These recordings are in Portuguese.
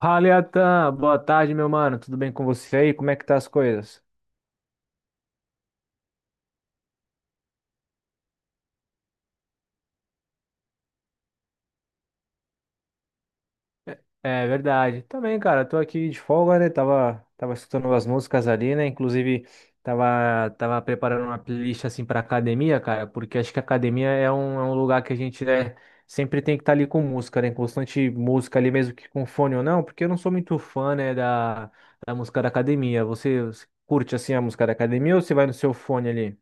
Fala, Iatan. Boa tarde, meu mano. Tudo bem com você aí? Como é que tá as coisas? É verdade. Também, cara, tô aqui de folga, né? Tava escutando umas músicas ali, né? Inclusive, tava preparando uma playlist assim pra academia, cara, porque acho que a academia é um lugar que a gente, né, sempre tem que estar ali com música, né? Constante música ali, mesmo que com fone ou não, porque eu não sou muito fã, né, da música da academia. Você curte assim a música da academia ou você vai no seu fone ali?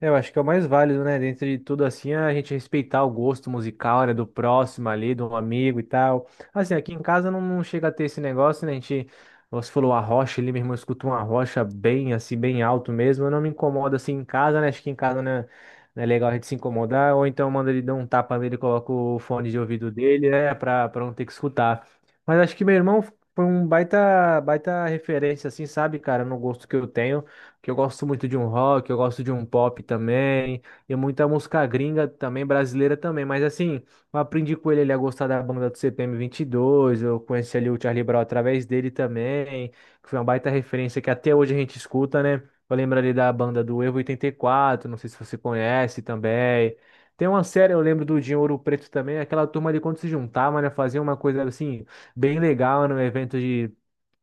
É, eu acho que é o mais válido, né? Dentro de tudo assim, é a gente respeitar o gosto musical, né, do próximo ali, do amigo e tal. Assim, aqui em casa não chega a ter esse negócio, né? A gente, você falou a rocha ali, meu irmão escuta uma rocha bem assim, bem alto mesmo. Eu não me incomodo assim em casa, né? Acho que em casa né, não é legal a gente se incomodar. Ou então manda ele dar um tapa nele, coloca o fone de ouvido dele, né? Pra não ter que escutar. Mas acho que meu irmão foi um baita, baita referência, assim, sabe, cara, no gosto que eu tenho que eu gosto muito de um rock, eu gosto de um pop também, e muita música gringa também, brasileira também, mas assim, eu aprendi com ele, a gostar da banda do CPM 22, eu conheci ali o Charlie Brown através dele também, que foi uma baita referência que até hoje a gente escuta, né? Eu lembro ali da banda do Evo 84, não sei se você conhece também. Tem uma série, eu lembro do Dinho Ouro Preto também, aquela turma ali quando se juntava, né? Fazia uma coisa assim, bem legal, num evento de,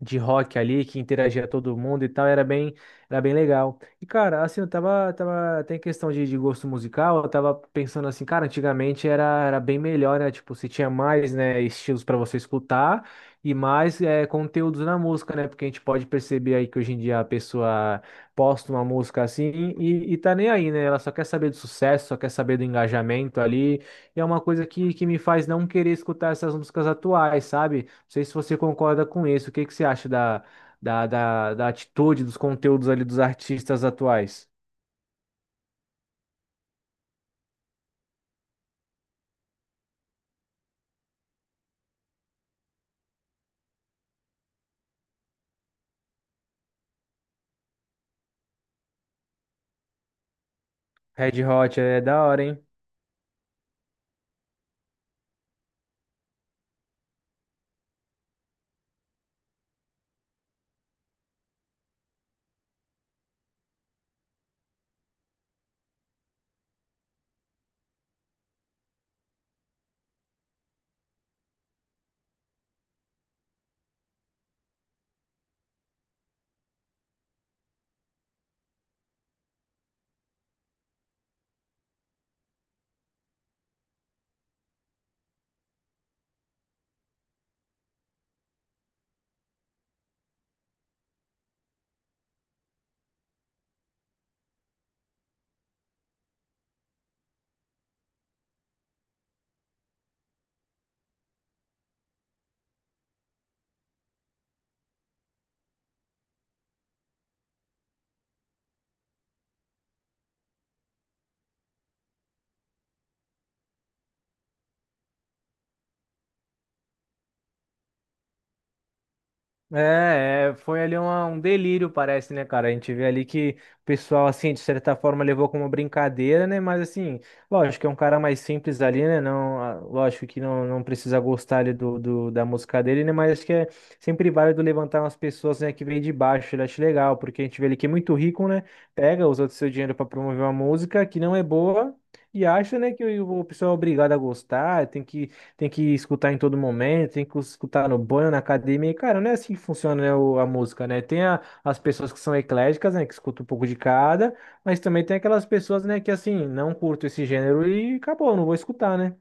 de rock ali, que interagia todo mundo e tal, era bem legal. E, cara, assim, eu tava até em questão de gosto musical, eu tava pensando assim, cara, antigamente era bem melhor, né? Tipo, você tinha mais, né, estilos para você escutar e mais é, conteúdos na música, né? Porque a gente pode perceber aí que hoje em dia a pessoa posta uma música assim e tá nem aí, né? Ela só quer saber do sucesso, só quer saber do engajamento ali. E é uma coisa que me faz não querer escutar essas músicas atuais, sabe? Não sei se você concorda com isso. O que que você acha da atitude, dos conteúdos ali dos artistas atuais. Red Hot é da hora, hein? Foi ali um delírio, parece, né, cara? A gente vê ali que o pessoal, assim, de certa forma levou como brincadeira, né? Mas, assim, lógico, é um cara mais simples ali, né? Não, ah, lógico que não, não precisa gostar ali da música dele, né? Mas acho que é sempre válido levantar umas pessoas, né, que vêm de baixo. Eu acho legal, porque a gente vê ali que é muito rico, né? Pega, usa o seu dinheiro para promover uma música que não é boa. E acha, né, que o pessoal é obrigado a gostar, tem que escutar em todo momento, tem que escutar no banho, na academia. E, cara, não é assim que funciona, né, a música, né? Tem as pessoas que são ecléticas, né, que escutam um pouco de cada, mas também tem aquelas pessoas, né, que assim, não curto esse gênero e acabou, não vou escutar, né?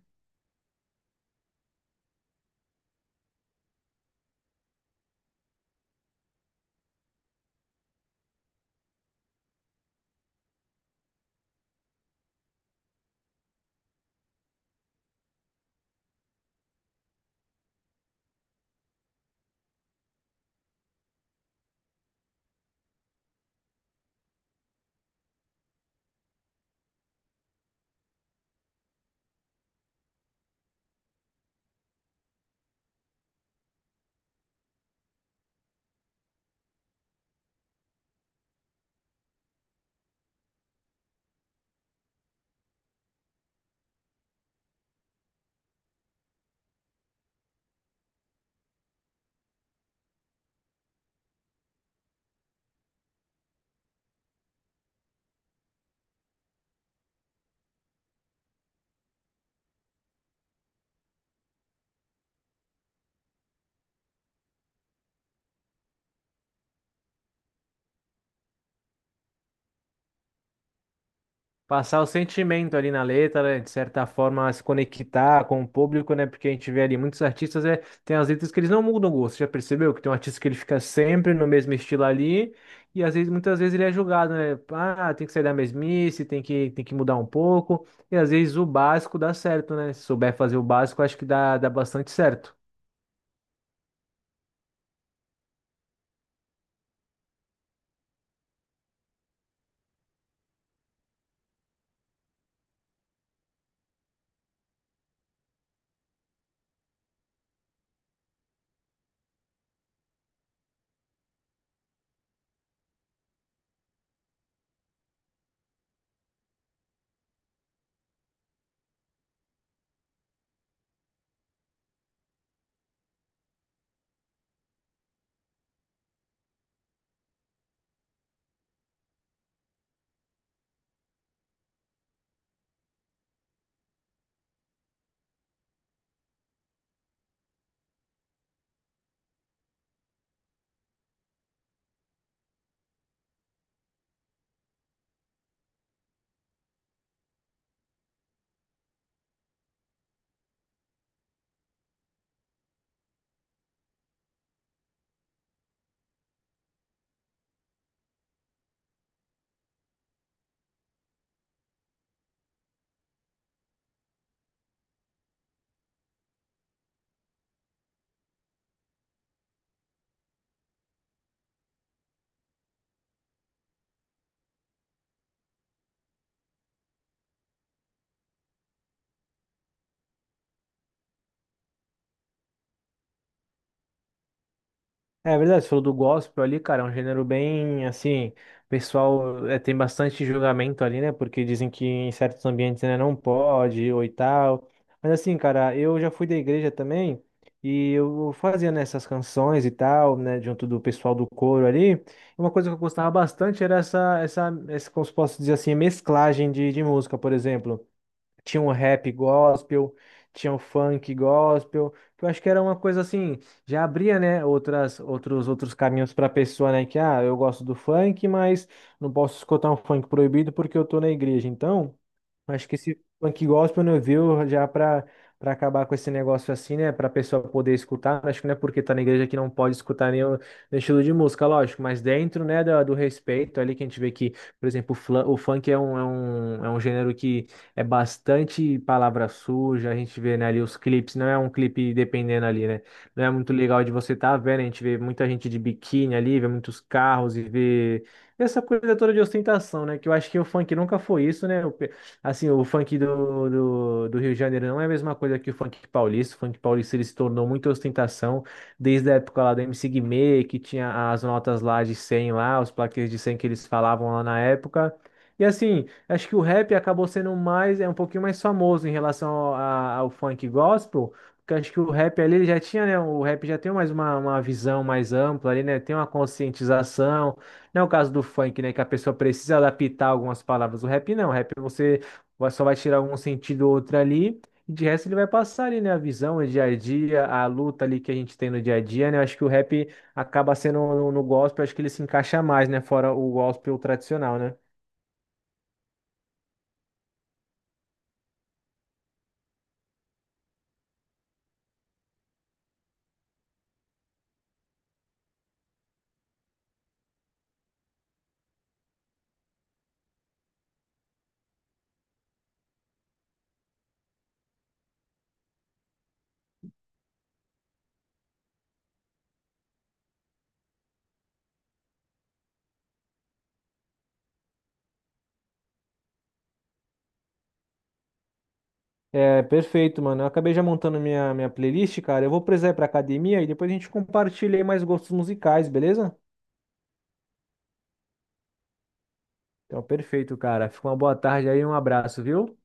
Passar o sentimento ali na letra, né, de certa forma se conectar com o público, né? Porque a gente vê ali muitos artistas, é, tem as letras que eles não mudam o gosto. Já percebeu que tem um artista que ele fica sempre no mesmo estilo ali, e às vezes, muitas vezes ele é julgado, né? Ah, tem que sair da mesmice, tem que mudar um pouco. E às vezes o básico dá certo, né? Se souber fazer o básico, acho que dá bastante certo. É verdade, você falou do gospel ali, cara, é um gênero bem assim, o pessoal é, tem bastante julgamento ali, né? Porque dizem que em certos ambientes né, não pode ou e tal. Mas assim, cara, eu já fui da igreja também e eu fazia nessas canções e tal, né, junto do pessoal do coro ali. Uma coisa que eu gostava bastante era essa, como se posso dizer assim, mesclagem de música, por exemplo. Tinha um rap gospel, tinha um funk gospel, que eu acho que era uma coisa assim, já abria, né, outros caminhos para a pessoa, né, que, ah, eu gosto do funk, mas não posso escutar um funk proibido porque eu tô na igreja. Então, acho que esse funk gospel, né, viu, já para acabar com esse negócio assim, né, para a pessoa poder escutar, acho que não é porque tá na igreja que não pode escutar nenhum estilo de música, lógico, mas dentro, né, do respeito ali que a gente vê que, por exemplo, o, o funk é um gênero que é bastante palavra suja, a gente vê, né, ali os clipes, não é um clipe dependendo ali, né, não é muito legal de você estar vendo, a gente vê muita gente de biquíni ali, vê muitos carros e vê essa coisa toda de ostentação, né, que eu acho que o funk nunca foi isso, né. Assim, o funk do Rio de Janeiro não é a mesma coisa que o funk paulista. O funk paulista ele se tornou muita ostentação desde a época lá do MC Guimê, que tinha as notas lá de 100 lá, os plaquês de 100 que eles falavam lá na época. E assim, acho que o rap acabou sendo mais, é um pouquinho mais famoso em relação ao, ao funk gospel, porque acho que o rap ali ele já tinha, né? O rap já tem mais uma visão mais ampla ali, né? Tem uma conscientização. Não é o caso do funk, né? Que a pessoa precisa adaptar algumas palavras. O rap não. O rap você só vai tirar um sentido ou outro ali. E de resto ele vai passar ali, né? A visão, o dia a dia, a luta ali que a gente tem no dia a dia, né? Eu acho que o rap acaba sendo no, no gospel, acho que ele se encaixa mais, né? Fora o gospel tradicional, né? É, perfeito, mano. Eu acabei já montando minha playlist, cara. Eu vou precisar ir pra academia e depois a gente compartilha aí mais gostos musicais, beleza? Então, perfeito, cara. Fica uma boa tarde aí, e um abraço, viu?